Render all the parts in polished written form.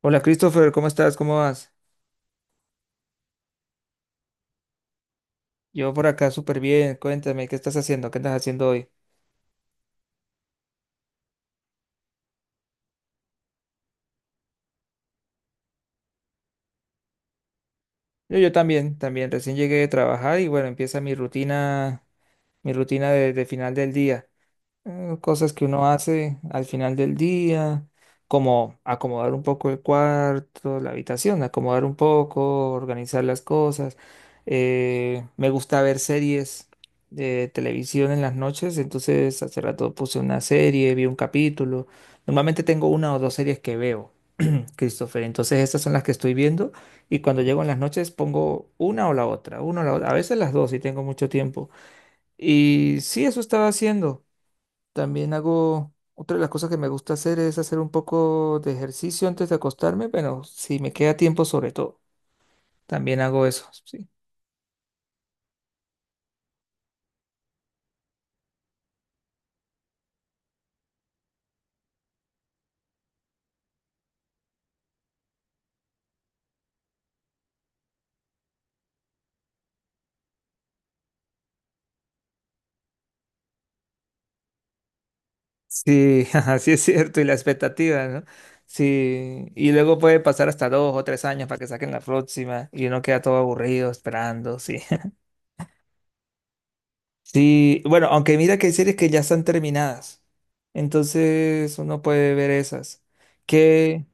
Hola Christopher, ¿cómo estás? ¿Cómo vas? Yo por acá súper bien. Cuéntame, ¿qué estás haciendo? ¿Qué estás haciendo hoy? Yo también, también. Recién llegué de trabajar y bueno, empieza mi rutina de final del día, cosas que uno hace al final del día, como acomodar un poco el cuarto, la habitación, acomodar un poco, organizar las cosas. Me gusta ver series de televisión en las noches, entonces hace rato puse una serie, vi un capítulo. Normalmente tengo una o dos series que veo, Christopher, entonces estas son las que estoy viendo, y cuando llego en las noches pongo una o la otra, una o la otra, a veces las dos si tengo mucho tiempo. Y sí, eso estaba haciendo. También hago, otra de las cosas que me gusta hacer es hacer un poco de ejercicio antes de acostarme, pero si me queda tiempo sobre todo, también hago eso, sí. Sí, ajá, sí es cierto, y la expectativa, ¿no? Sí, y luego puede pasar hasta dos o tres años para que saquen la próxima y uno queda todo aburrido esperando, sí. Sí, bueno, aunque mira que hay series que ya están terminadas, entonces uno puede ver esas. Qué...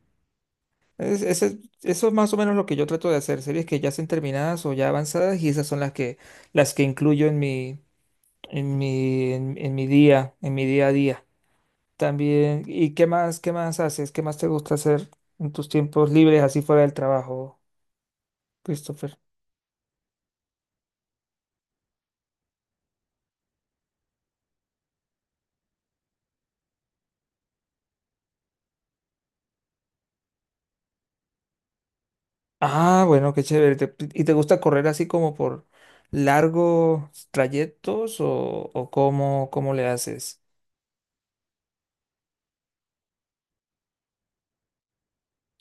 Eso es más o menos lo que yo trato de hacer, series que ya estén terminadas o ya avanzadas, y esas son las que incluyo en mi, en mi, en mi día a día. También, ¿y qué más haces? ¿Qué más te gusta hacer en tus tiempos libres así fuera del trabajo, Christopher? Ah, bueno, qué chévere. ¿Y te gusta correr así como por largos trayectos o cómo, cómo le haces?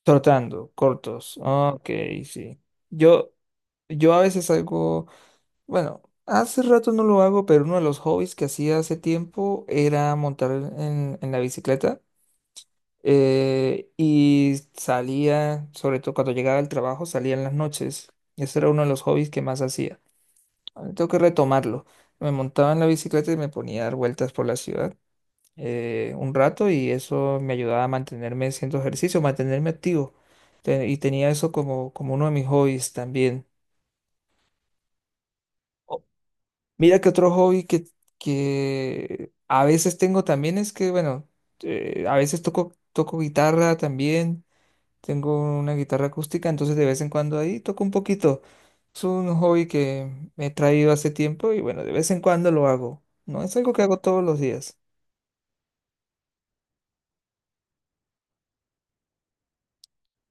Trotando, cortos. Ok, sí. Yo, yo a veces salgo. Bueno, hace rato no lo hago, pero uno de los hobbies que hacía hace tiempo era montar en la bicicleta. Y salía, sobre todo cuando llegaba del trabajo, salía en las noches. Ese era uno de los hobbies que más hacía. Ahora tengo que retomarlo. Me montaba en la bicicleta y me ponía a dar vueltas por la ciudad un rato, y eso me ayudaba a mantenerme haciendo ejercicio, mantenerme activo. Y tenía eso como, como uno de mis hobbies también. Mira que otro hobby que a veces tengo también es que, bueno, a veces toco, toco guitarra también, tengo una guitarra acústica, entonces de vez en cuando ahí toco un poquito. Es un hobby que me he traído hace tiempo y bueno, de vez en cuando lo hago. No es algo que hago todos los días.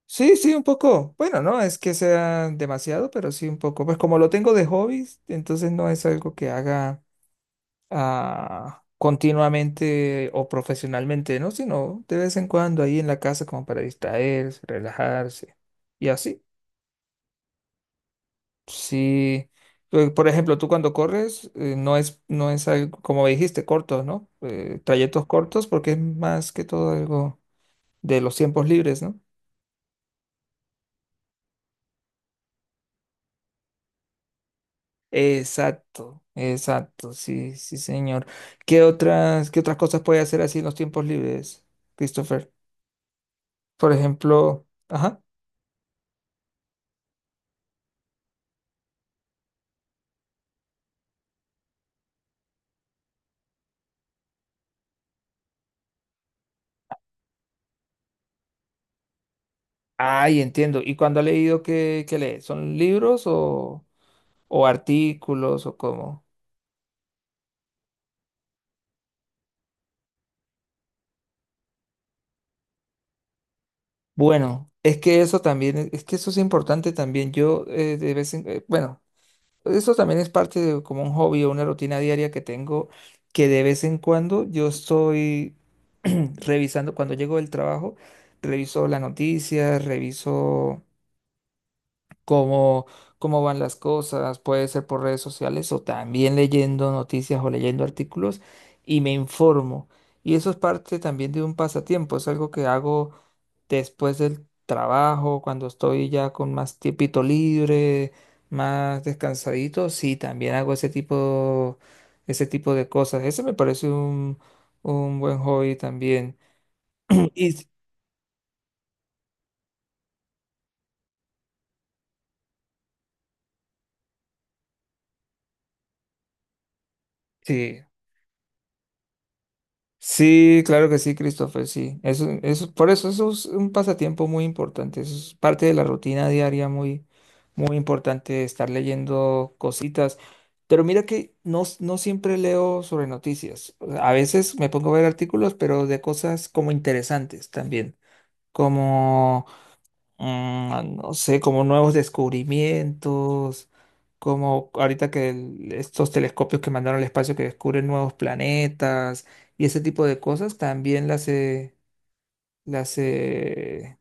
Sí, sí, un poco. Bueno, no es que sea demasiado, pero sí un poco. Pues como lo tengo de hobby, entonces no es algo que haga continuamente o profesionalmente, ¿no? Sino de vez en cuando ahí en la casa como para distraerse, relajarse y así. Sí, por ejemplo, tú cuando corres no es, no es algo, como dijiste, cortos, ¿no? Trayectos cortos porque es más que todo algo de los tiempos libres, ¿no? Exacto, exacto, sí, sí, señor. Qué otras cosas puede hacer así en los tiempos libres, Christopher? Por ejemplo, ajá. Ay, entiendo. ¿Y cuando ha leído qué, qué lee? ¿Son libros o artículos o cómo? Bueno, es que eso también, es que eso es importante también. Yo de vez en, bueno, eso también es parte de como un hobby o una rutina diaria que tengo, que de vez en cuando yo estoy revisando, cuando llego del trabajo, reviso las noticias, reviso cómo, cómo van las cosas, puede ser por redes sociales o también leyendo noticias o leyendo artículos, y me informo. Y eso es parte también de un pasatiempo, es algo que hago después del trabajo, cuando estoy ya con más tiempito libre, más descansadito, sí, también hago ese tipo de cosas. Ese me parece un buen hobby también. Y sí. Sí, claro que sí, Christopher, sí. Eso, por eso eso es un pasatiempo muy importante. Eso es parte de la rutina diaria muy, muy importante, estar leyendo cositas. Pero mira que no, no siempre leo sobre noticias. O sea, a veces me pongo a ver artículos, pero de cosas como interesantes también. Mm, ah, no sé, como nuevos descubrimientos, como ahorita que estos telescopios que mandaron al espacio que descubren nuevos planetas y ese tipo de cosas también las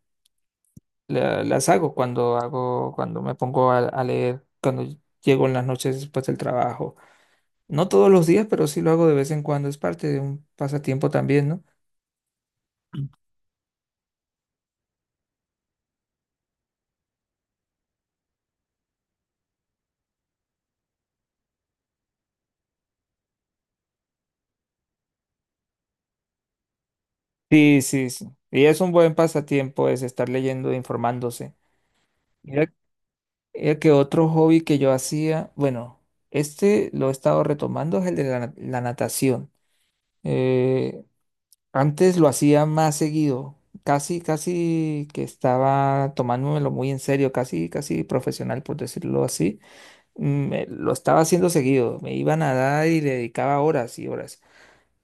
las hago cuando me pongo a leer cuando llego en las noches después del trabajo. No todos los días, pero sí lo hago de vez en cuando, es parte de un pasatiempo también, ¿no? Sí, sí, sí. Y es un buen pasatiempo es estar leyendo e informándose. Que otro hobby que yo hacía, bueno, este lo he estado retomando, es el de la, la natación. Eh, Antes lo hacía más seguido, casi, casi que estaba tomándomelo muy en serio, casi, casi profesional, por decirlo así. Lo estaba haciendo seguido, me iba a nadar y le dedicaba horas y horas.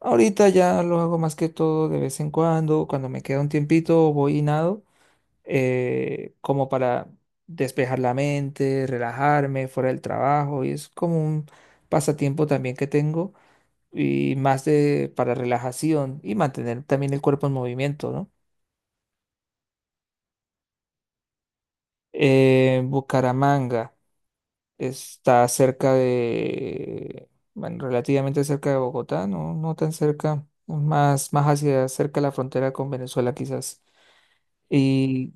Ahorita ya lo hago más que todo de vez en cuando, cuando me queda un tiempito voy y nado como para despejar la mente, relajarme fuera del trabajo, y es como un pasatiempo también que tengo y más de para relajación y mantener también el cuerpo en movimiento, ¿no? Bucaramanga está cerca de, bueno, relativamente cerca de Bogotá, no, no tan cerca, más, más hacia cerca de la frontera con Venezuela quizás. Y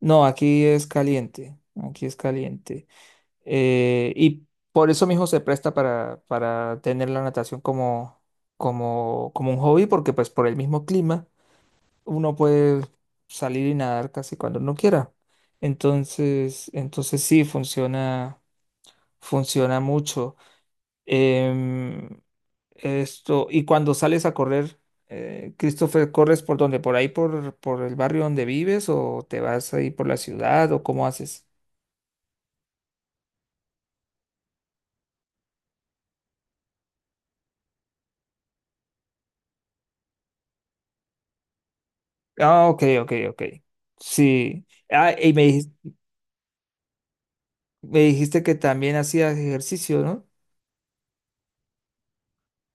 no, aquí es caliente, aquí es caliente. Y por eso mismo se presta para tener la natación como, como, como un hobby, porque pues por el mismo clima uno puede salir y nadar casi cuando uno quiera. Entonces, entonces sí, funciona, funciona mucho. Em, Esto, y cuando sales a correr, Christopher, ¿corres por dónde? ¿Por ahí por el barrio donde vives o te vas ahí por la ciudad o cómo haces? Ah, ok, ok, ok. Sí. Ah, y me, me dijiste que también hacías ejercicio, ¿no?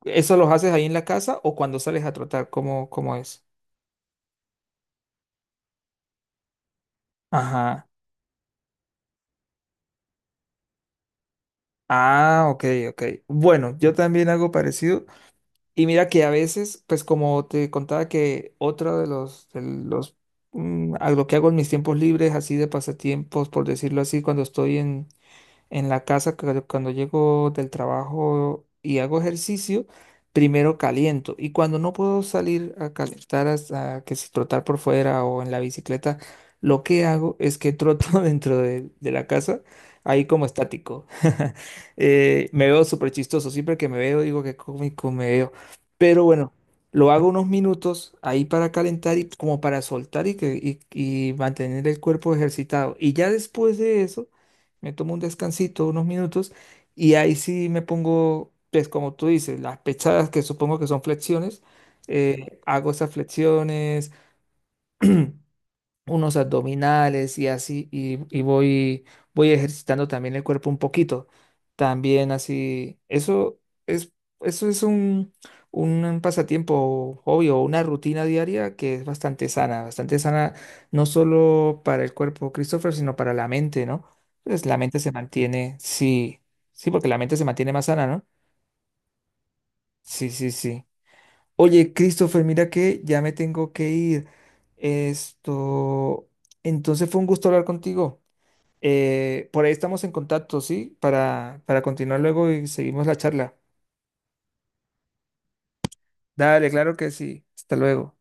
¿Eso los haces ahí en la casa o cuando sales a trotar? ¿Cómo, cómo es? Ajá. Ah, ok, ok. Bueno, yo también hago parecido. Y mira que a veces, pues como te contaba que otro de los, mm, a lo que hago en mis tiempos libres, así de pasatiempos, por decirlo así, cuando estoy en la casa, cuando llego del trabajo y hago ejercicio, primero caliento. Y cuando no puedo salir a calentar, hasta que si trotar por fuera o en la bicicleta, lo que hago es que troto dentro de la casa, ahí como estático. Me veo súper chistoso. Siempre que me veo, digo que cómico me veo. Pero bueno. Lo hago unos minutos ahí para calentar y como para soltar y, que, y mantener el cuerpo ejercitado. Y ya después de eso, me tomo un descansito, unos minutos, y ahí sí me pongo, pues como tú dices, las pechadas que supongo que son flexiones, hago esas flexiones, unos abdominales y así, y voy, voy ejercitando también el cuerpo un poquito. También así, es, eso es un pasatiempo, obvio una rutina diaria que es bastante sana no solo para el cuerpo, Christopher, sino para la mente, ¿no? Pues la mente se mantiene, sí, sí, porque la mente se mantiene más sana, ¿no? Sí, sí, sí. Oye, Christopher, mira que ya me tengo que ir. Esto, entonces fue un gusto hablar contigo. Por ahí estamos en contacto, ¿sí? Para continuar luego y seguimos la charla. Dale, claro que sí. Hasta luego.